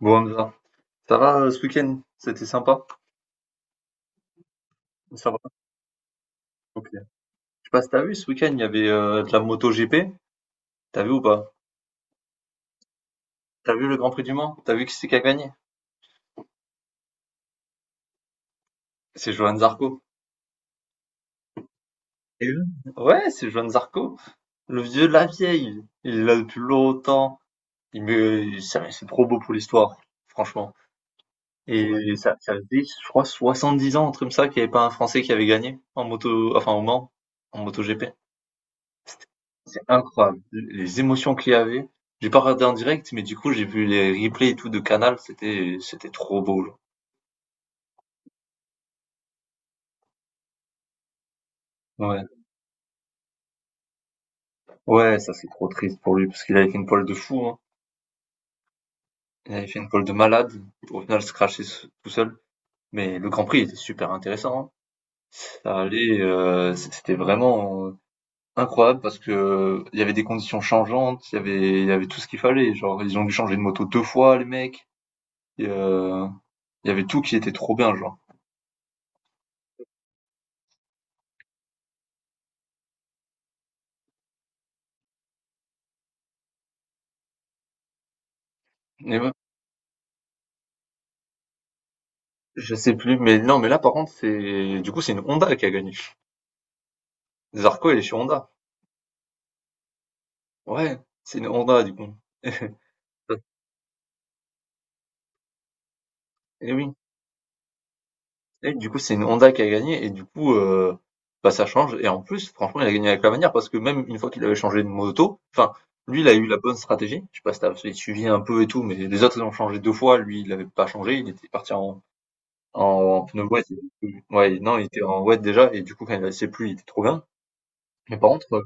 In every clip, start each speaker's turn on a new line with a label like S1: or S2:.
S1: Bon, Hamza, ça va ce week-end? C'était sympa? Ça va? Ok. Je sais pas si t'as vu ce week-end, il y avait de la moto MotoGP. T'as vu ou pas? T'as vu le Grand Prix du Mans? T'as vu qui c'est qui a gagné? C'est Johan Zarco. Et eux Ouais, c'est Johan Zarco. Le vieux de la vieille. Il est là depuis longtemps. C'est trop beau pour l'histoire, franchement. Ouais. Ça faisait, je crois, 70 ans, un truc ça, qu'il n'y avait pas un Français qui avait gagné en moto, enfin au Mans, en MotoGP. C'est incroyable, les émotions qu'il y avait. J'ai pas regardé en direct, mais du coup, j'ai vu les replays et tout de Canal, c'était trop beau, genre. Ouais. Ouais, ça c'est trop triste pour lui parce qu'il avait fait une pole de fou, hein. Il avait fait une pole de malade. Au final, se crasher tout seul. Mais le Grand Prix était super intéressant, hein. Ça allait, c'était vraiment incroyable parce que il y avait des conditions changeantes, il y avait tout ce qu'il fallait. Genre, ils ont dû changer de moto deux fois, les mecs. Et, il y avait tout qui était trop bien, genre. Et Je sais plus, mais non, mais là, par contre, du coup, c'est une Honda qui a gagné. Zarco, elle est sur Honda. Ouais, c'est une Honda, du coup. Et oui. Et du coup, c'est une Honda qui a gagné, et du coup, bah, ça change. Et en plus, franchement, il a gagné avec la manière, parce que même une fois qu'il avait changé de moto, enfin, lui, il a eu la bonne stratégie. Je sais pas si tu suivi un peu et tout, mais les autres, ils ont changé deux fois. Lui, il l'avait pas changé. Il était parti pneu wet. Ouais, non, il était en wet déjà, et du coup, quand il a laissé plus, il était trop bien. Mais par contre,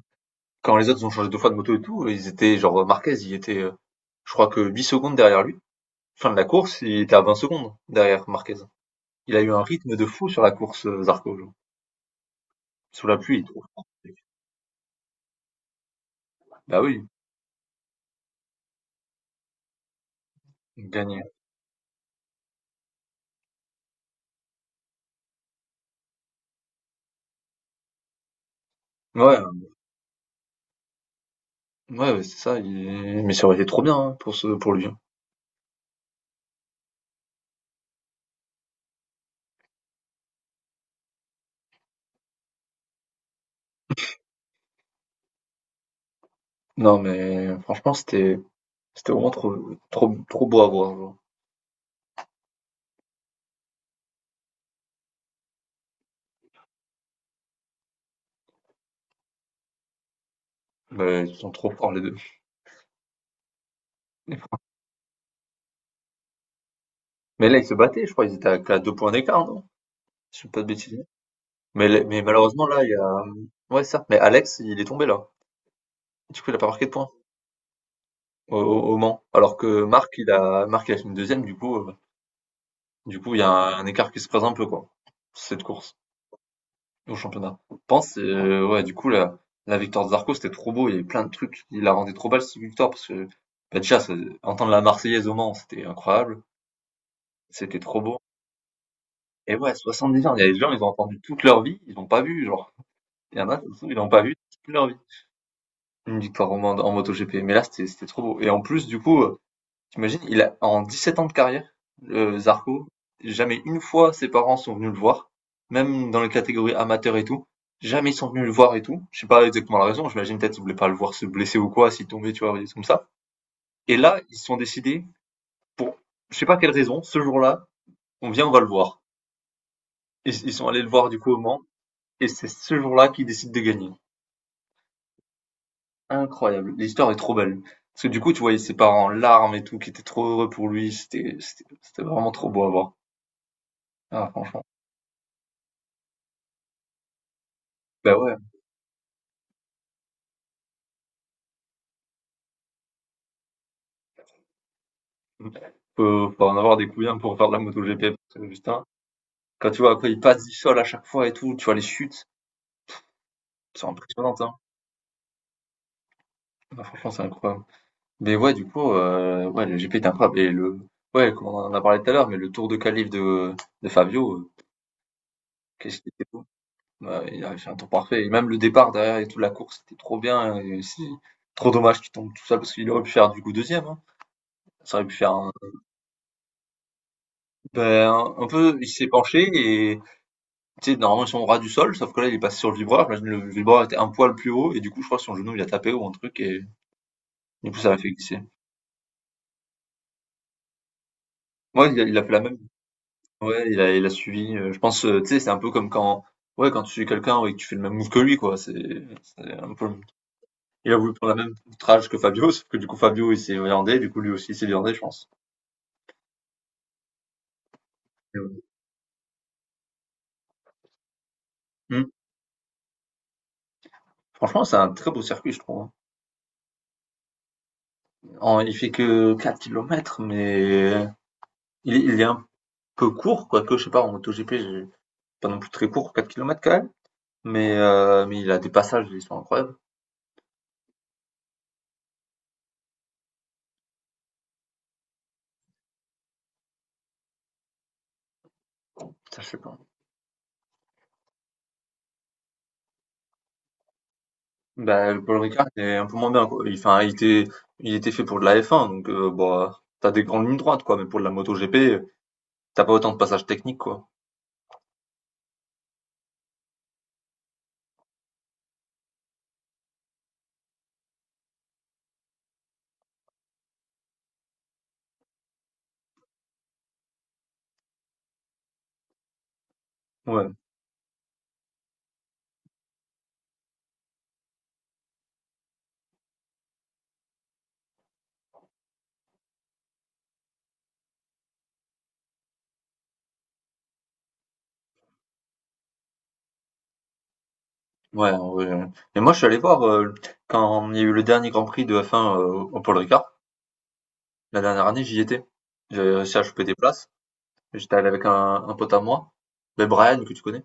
S1: quand les autres ont changé 2 fois de moto et tout, ils étaient genre Marquez, il était, je crois que 8 secondes derrière lui. Fin de la course, il était à 20 secondes derrière Marquez. Il a eu un rythme de fou sur la course, Zarco, genre. Sous la pluie, il est. Bah oui, il gagnait. Ouais, ouais, ouais, c'est ça, il mais ça aurait été trop bien, hein, pour lui, hein. Non, mais franchement, c'était vraiment trop trop trop beau à voir, genre. Mais ils sont trop forts les 2. Mais là, ils se battaient, je crois, ils étaient à qu'à 2 points d'écart, non? Si je dis pas de bêtises. Mais malheureusement, là, il y a. Ouais, certes, mais Alex, il est tombé là. Du coup, il a pas marqué de points au Mans. Alors que Marc, il a fini deuxième, du coup, il y a un écart qui se présente un peu, quoi. Cette course au championnat. Je pense, ouais, du coup, la victoire de Zarco, c'était trop beau. Il y avait plein de trucs. Il la rendait trop belle, cette victoire, parce que, bah, déjà, entendre la Marseillaise au Mans, c'était incroyable. C'était trop beau. Et ouais, 70 ans, il y a des gens, ils ont entendu toute leur vie, ils l'ont pas vu, genre. Il y en a, ils l'ont pas vu toute leur vie. Une victoire en MotoGP. Mais là, c'était trop beau. Et en plus, du coup, t'imagines, il a, en 17 ans de carrière, le Zarco, jamais une fois ses parents sont venus le voir, même dans les catégories amateurs et tout. Jamais ils sont venus le voir et tout. Je sais pas exactement la raison. J'imagine peut-être qu'ils voulaient pas le voir se blesser ou quoi, s'il tombait, tu vois, des trucs comme ça. Et là, ils se sont décidés, pour je sais pas quelle raison, ce jour-là, on va le voir. Ils sont allés le voir du coup au Mans, et c'est ce jour-là qu'ils décident de gagner. Incroyable, l'histoire est trop belle. Parce que du coup, tu voyais ses parents en larmes et tout, qui étaient trop heureux pour lui. C'était vraiment trop beau à voir. Ah, franchement. Bah ouais. Faut en avoir des couilles hein, pour faire de la moto GP, parce que, putain, quand tu vois quand il passe du sol à chaque fois et tout, tu vois les chutes, c'est impressionnant, hein. Ah, franchement, c'est incroyable. Mais ouais, du coup, ouais, le GP est incroyable. Ouais, comme on en a parlé tout à l'heure, mais le tour de calife de Fabio, qu'est-ce qu'il était ouais, il avait fait un temps parfait. Et même le départ derrière et toute la course, c'était trop bien. Et c'est trop dommage qu'il tombe tout seul parce qu'il aurait pu faire du coup deuxième, hein. Ça aurait pu faire un, ben, un peu. Il s'est penché et tu sais, normalement ils sont au ras du sol, sauf que là il est passé sur le vibreur. J'imagine le vibreur était un poil plus haut et du coup je crois que son genou il a tapé ou un truc et du coup ça l'a fait glisser. Ouais, il a fait la même. Ouais, il a suivi. Je pense, tu sais, c'est un peu comme quand. Ouais, quand tu suis quelqu'un et que tu fais le même move que lui, quoi. C'est un peu le. Il a voulu prendre la même outrage que Fabio, sauf que du coup Fabio il s'est viandé, du coup lui aussi il s'est viandé, je pense. Et ouais. Hmm. Franchement, c'est un très beau circuit, je trouve, hein. Il fait que 4 kilomètres, mais il est un peu court, quoique, je sais pas, en MotoGP, pas non plus très court, 4 kilomètres quand même. Mais il a des passages, ils sont incroyables. Ça, je sais pas. Bah, le Paul Ricard est un peu moins bien, quoi. Il, enfin, il était fait pour de la F1, donc bah, t'as des grandes lignes droites, quoi. Mais pour de la MotoGP, t'as pas autant de passages techniques, quoi. Ouais, ouais, en vrai, ouais. Et moi, je suis allé voir quand il y a eu le dernier Grand Prix de F1 au Paul Ricard. La dernière année, j'y étais. J'avais réussi à choper des places. J'étais allé avec un pote à moi, mais Brian, que tu connais.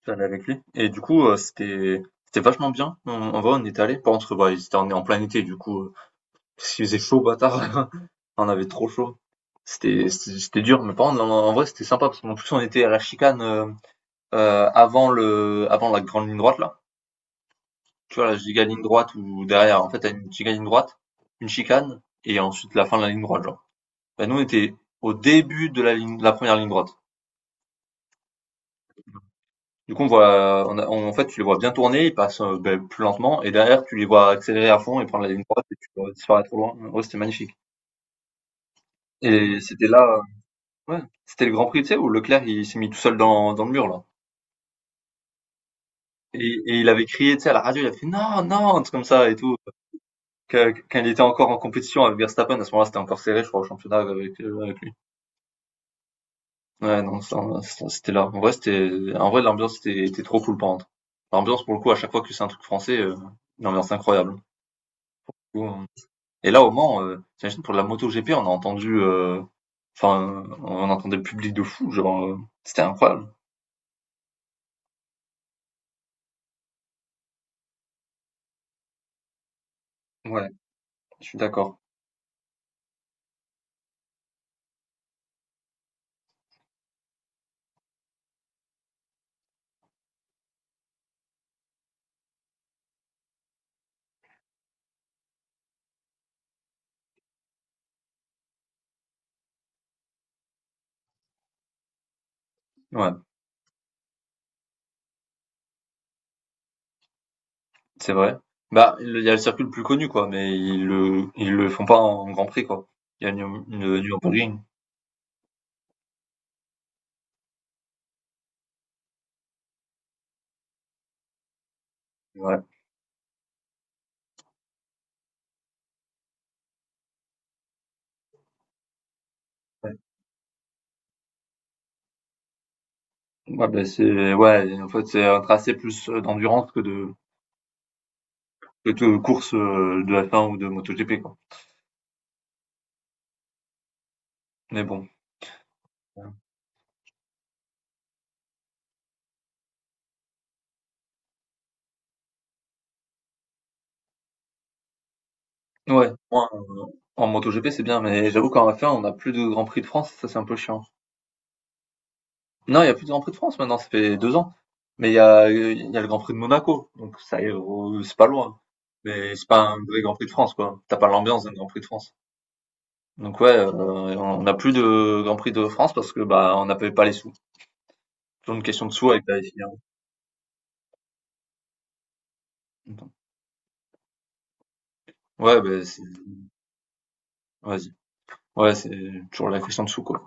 S1: J'étais allé avec lui et du coup, c'était vachement bien. On En vrai, on y était allé, par contre, bah, c'était en plein été du coup, parce qu'il faisait chaud bâtard. On avait trop chaud. C'était dur, mais par contre, en vrai, c'était sympa parce qu'en plus on était à la chicane, avant le avant la grande ligne droite là. Tu vois la giga ligne droite ou derrière, en fait, tu as une giga ligne droite, une chicane et ensuite la fin de la ligne droite, genre. Bah, nous, on était au début de la première ligne droite. Du coup, on voit, en fait, tu les vois bien tourner, ils passent ben, plus lentement, et derrière, tu les vois accélérer à fond et prendre la ligne droite et tu vois disparaître trop loin. Ouais, c'était magnifique. Et c'était là, ouais, c'était le Grand Prix, tu sais, où Leclerc, il s'est mis tout seul dans le mur, là. Et il avait crié, tu sais, à la radio, il a fait non, non, un truc comme ça et tout. Quand il était encore en compétition avec Verstappen, à ce moment-là, c'était encore serré, je crois, au championnat avec, avec lui. Ouais, non, ça, c'était là. En vrai, en vrai, l'ambiance était trop cool, par contre. L'ambiance, pour le coup, à chaque fois que c'est un truc français, l'ambiance incroyable. Du coup, et là, au Mans, t'imagines pour la MotoGP, on a entendu, enfin, on entendait le public de fou, genre, c'était incroyable. Ouais, je suis d'accord. Ouais, c'est vrai. Bah, il y a le circuit le plus connu, quoi, mais ils le font pas en Grand Prix, quoi. Il y a Nür le Nürburgring. Ouais, ouais. Ouais, bah, c'est ouais, en fait, c'est un tracé plus, d'endurance que de course, de F1 ou de MotoGP, quoi. Mais bon. Ouais, ouais, en MotoGP, c'est bien, mais j'avoue qu'en F1, on a plus de Grand Prix de France, ça, c'est un peu chiant. Non, il y a plus de Grand Prix de France maintenant, ça fait 2 ans. Mais il y a le Grand Prix de Monaco, donc ça y est, c'est pas loin. Mais c'est pas un vrai Grand Prix de France, quoi. T'as pas l'ambiance d'un Grand Prix de France. Donc ouais, on n'a plus de Grand Prix de France parce que bah on n'avait pas les sous. Toujours une question de sous avec la f FIA. Ouais, bah, vas-y. Ouais, c'est toujours la question de sous, quoi.